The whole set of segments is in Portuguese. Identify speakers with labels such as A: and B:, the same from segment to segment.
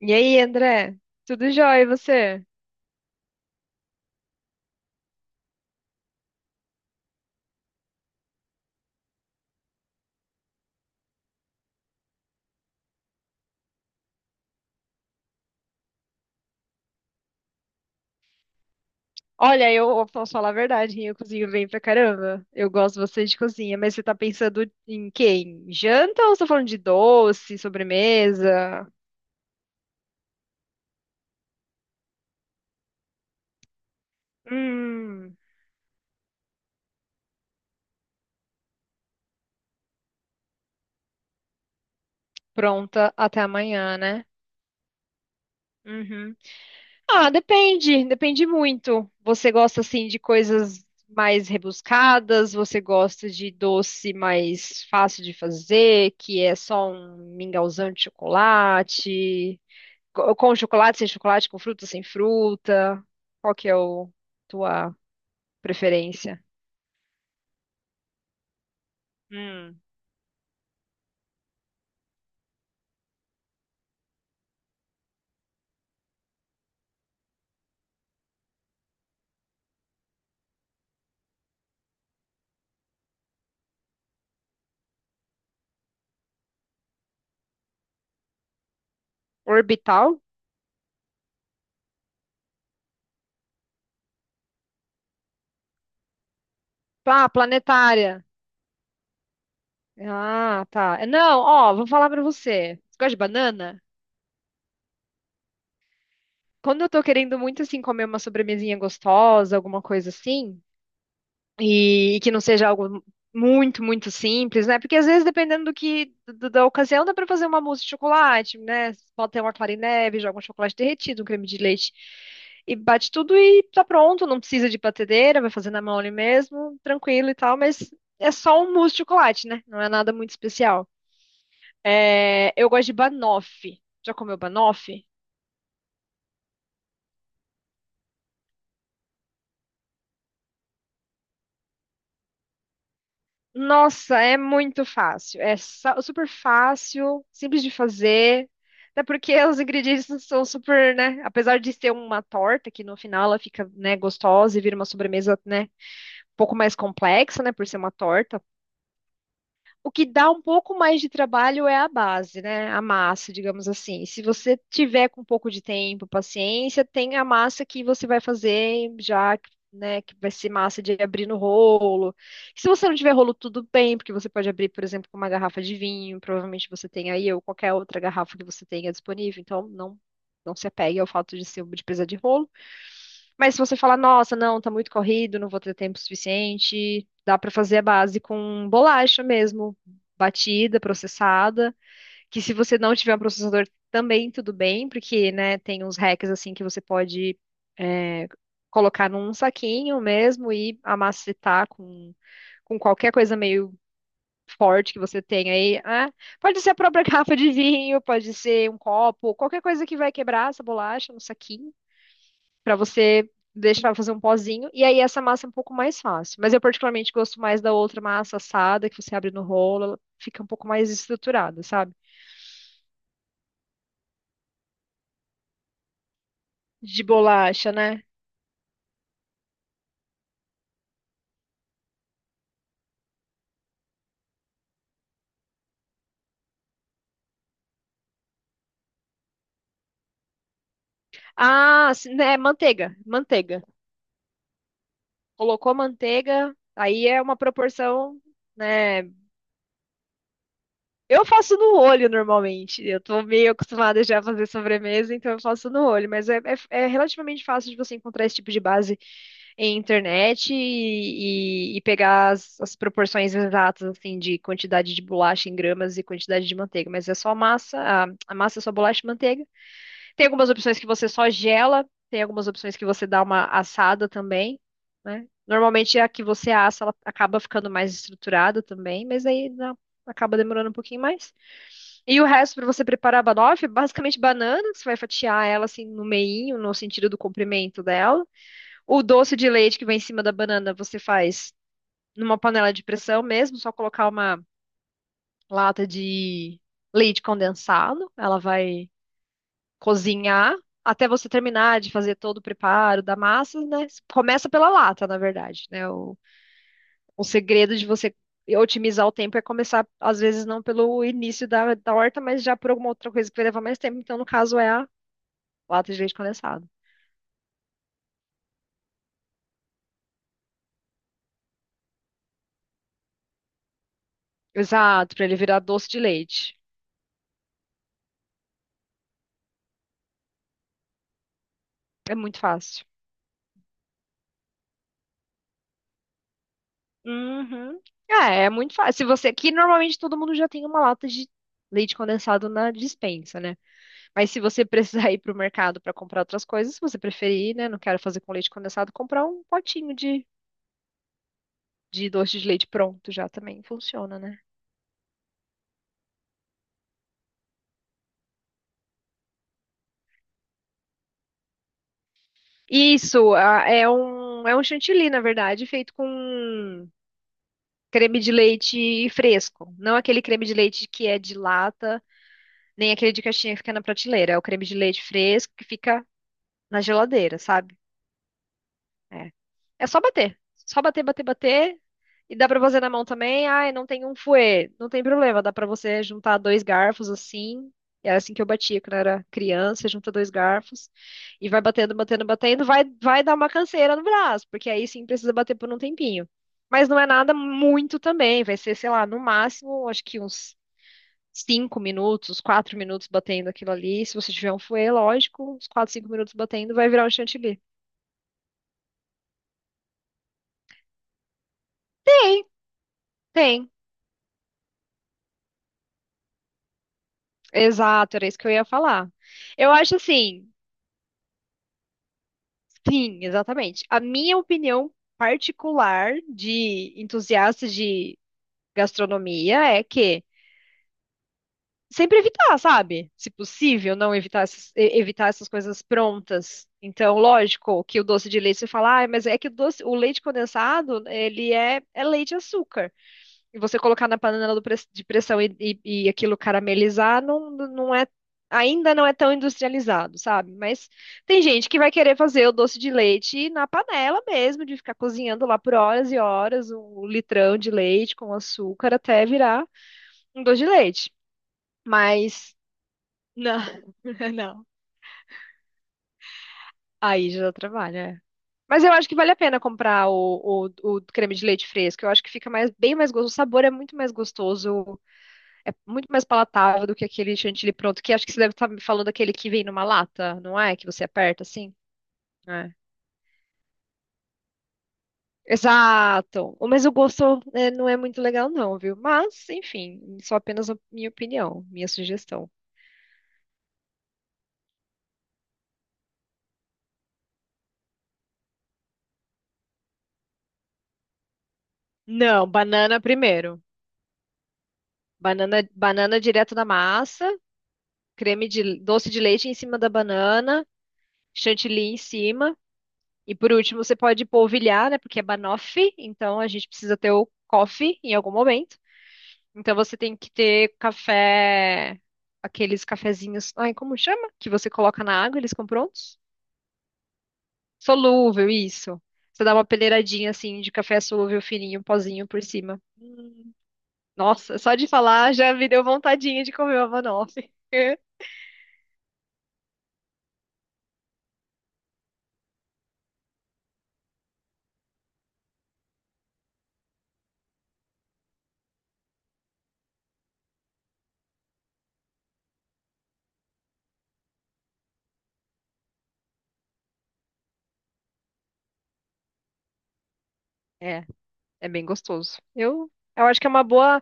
A: E aí, André? Tudo jóia, e você? Olha, eu posso falar a verdade, eu cozinho bem pra caramba. Eu gosto bastante de cozinha, mas você tá pensando em quê? Em janta ou você tá falando de doce, sobremesa? Hum, pronta até amanhã, né? Uhum. Ah, depende, depende muito. Você gosta assim de coisas mais rebuscadas? Você gosta de doce mais fácil de fazer, que é só um mingauzão de chocolate? Com chocolate, sem chocolate, com fruta, sem fruta? Qual que é o tua preferência? Hum. Orbital? Ah, planetária. Ah, tá. Não, ó, vou falar pra você. Você gosta de banana? Quando eu tô querendo muito, assim, comer uma sobremesinha gostosa, alguma coisa assim, e que não seja algo muito, muito simples, né? Porque às vezes, dependendo do que, da ocasião, dá pra fazer uma mousse de chocolate, né? Pode ter uma clara em neve, joga um chocolate derretido, um creme de leite. E bate tudo e tá pronto, não precisa de batedeira, vai fazer na mão ali mesmo, tranquilo e tal, mas é só um mousse de chocolate, né? Não é nada muito especial. É, eu gosto de banoffee. Já comeu banoffee? Nossa, é muito fácil. É super fácil, simples de fazer. Até porque os ingredientes são super, né? Apesar de ser uma torta, que no final ela fica, né, gostosa e vira uma sobremesa, né, um pouco mais complexa, né, por ser uma torta. O que dá um pouco mais de trabalho é a base, né? A massa, digamos assim. Se você tiver com um pouco de tempo, paciência, tem a massa que você vai fazer já, né? Que vai ser massa de abrir no rolo. Se você não tiver rolo, tudo bem, porque você pode abrir, por exemplo, com uma garrafa de vinho, provavelmente você tem aí, ou qualquer outra garrafa que você tenha disponível. Então, não, não se apegue ao fato de ser de precisar de rolo. Mas se você falar, nossa, não, tá muito corrido, não vou ter tempo suficiente, dá pra fazer a base com bolacha mesmo, batida, processada, que se você não tiver um processador também tudo bem, porque, né, tem uns hacks assim que você pode é, colocar num saquinho mesmo e amacetar com qualquer coisa meio forte que você tenha aí. Ah, pode ser a própria garrafa de vinho, pode ser um copo, qualquer coisa que vai quebrar essa bolacha no saquinho para você deixar fazer um pozinho. E aí essa massa é um pouco mais fácil. Mas eu particularmente gosto mais da outra massa assada, que você abre no rolo, ela fica um pouco mais estruturada, sabe? De bolacha, né? Ah, sim, né, manteiga, manteiga. Colocou manteiga, aí é uma proporção, né? Eu faço no olho normalmente. Eu tô meio acostumada já a fazer sobremesa, então eu faço no olho. Mas é relativamente fácil de você encontrar esse tipo de base em internet e pegar as, as proporções exatas, assim, de quantidade de bolacha em gramas e quantidade de manteiga. Mas é só massa, a massa é só bolacha e manteiga. Tem algumas opções que você só gela, tem algumas opções que você dá uma assada também, né? Normalmente a que você assa, ela acaba ficando mais estruturada também, mas acaba demorando um pouquinho mais. E o resto para você preparar a banoffee, é basicamente banana, que você vai fatiar ela assim no meinho, no sentido do comprimento dela. O doce de leite que vai em cima da banana, você faz numa panela de pressão mesmo, só colocar uma lata de leite condensado, ela vai cozinhar até você terminar de fazer todo o preparo da massa, né? Começa pela lata, na verdade, né? O segredo de você otimizar o tempo é começar, às vezes, não pelo início da, da horta, mas já por alguma outra coisa que vai levar mais tempo. Então, no caso, é a lata de leite condensado. Exato, pra ele virar doce de leite. É muito fácil. Uhum. É, é muito fácil. Se você, que normalmente todo mundo já tem uma lata de leite condensado na despensa, né? Mas se você precisar ir pro mercado pra comprar outras coisas, se você preferir, né, não quero fazer com leite condensado, comprar um potinho de doce de leite pronto já também funciona, né? Isso, é um chantilly, na verdade, feito com creme de leite fresco, não aquele creme de leite que é de lata. Nem aquele de caixinha que fica na prateleira. É o creme de leite fresco que fica na geladeira, sabe? É. É só bater. Só bater, bater, bater. E dá pra fazer na mão também. Ai, não tem um fouet. Não tem problema. Dá pra você juntar dois garfos assim. Era assim que eu batia quando eu era criança. Junta dois garfos. E vai batendo, batendo, batendo. Vai dar uma canseira no braço. Porque aí sim precisa bater por um tempinho. Mas não é nada muito também. Vai ser, sei lá, no máximo, acho que uns cinco minutos, quatro minutos batendo aquilo ali. Se você tiver um fouet, lógico, uns quatro, cinco minutos batendo, vai virar um chantilly. Tem, tem. Exato, era isso que eu ia falar. Eu acho assim, sim, exatamente. A minha opinião particular de entusiasta de gastronomia é que sempre evitar, sabe? Se possível, não evitar essas, evitar essas coisas prontas. Então, lógico que o doce de leite você fala, ah, mas é que o doce, o leite condensado, ele é leite e açúcar. E você colocar na panela de pressão e aquilo caramelizar, não, não é, ainda não é tão industrializado, sabe? Mas tem gente que vai querer fazer o doce de leite na panela mesmo, de ficar cozinhando lá por horas e horas um litrão de leite com açúcar até virar um doce de leite. Mas não, não. Aí já trabalha. Mas eu acho que vale a pena comprar o creme de leite fresco. Eu acho que fica mais, bem mais gostoso. O sabor é muito mais gostoso. É muito mais palatável do que aquele chantilly pronto, que acho que você deve estar me falando daquele que vem numa lata, não é? Que você aperta assim? É. Exato. Mas o gosto é, não é muito legal, não, viu? Mas, enfim, só apenas a minha opinião, minha sugestão. Não, banana primeiro. Banana, banana direto da massa, creme de doce de leite em cima da banana, chantilly em cima. E por último, você pode polvilhar, né? Porque é banoffee, então a gente precisa ter o coffee em algum momento. Então você tem que ter café, aqueles cafezinhos, ai, como chama? Que você coloca na água, eles ficam prontos? Solúvel, isso. Você dá uma peneiradinha assim de café solúvel fininho, pozinho por cima. Hum. Nossa, só de falar já me deu vontadinha de comer uma banoffee. É, é bem gostoso. Eu acho que é uma boa.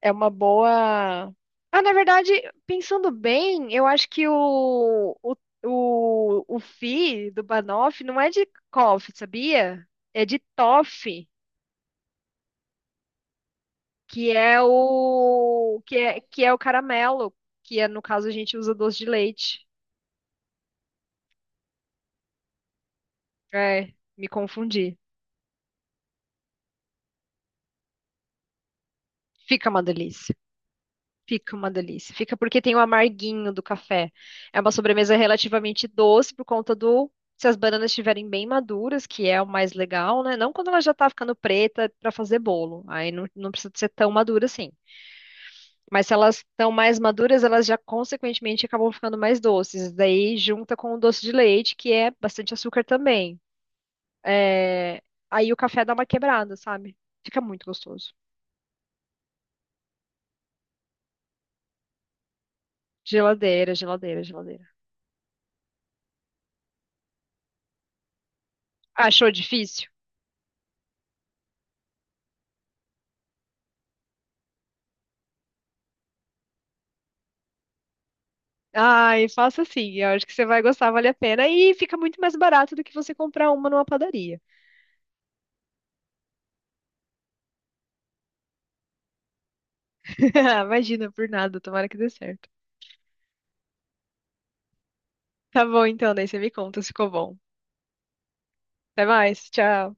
A: É uma boa. Ah, na verdade, pensando bem, eu acho que o fi do Banoff não é de Koff, sabia? É de Toff, que é o caramelo, que é, no caso a gente usa doce de leite. É, me confundi. Fica uma delícia. Fica uma delícia. Fica porque tem o amarguinho do café. É uma sobremesa relativamente doce por conta do. Se as bananas estiverem bem maduras, que é o mais legal, né? Não quando ela já tá ficando preta para fazer bolo. Aí não, não precisa ser tão madura assim. Mas se elas estão mais maduras, elas já consequentemente acabam ficando mais doces. Daí junta com o doce de leite, que é bastante açúcar também. É, aí o café dá uma quebrada, sabe? Fica muito gostoso. Geladeira, geladeira, geladeira. Achou difícil? Ai, faça assim. Eu acho que você vai gostar, vale a pena. E fica muito mais barato do que você comprar uma numa padaria. Imagina, por nada, tomara que dê certo. Tá bom, então, daí você me conta se ficou bom. Até mais, tchau.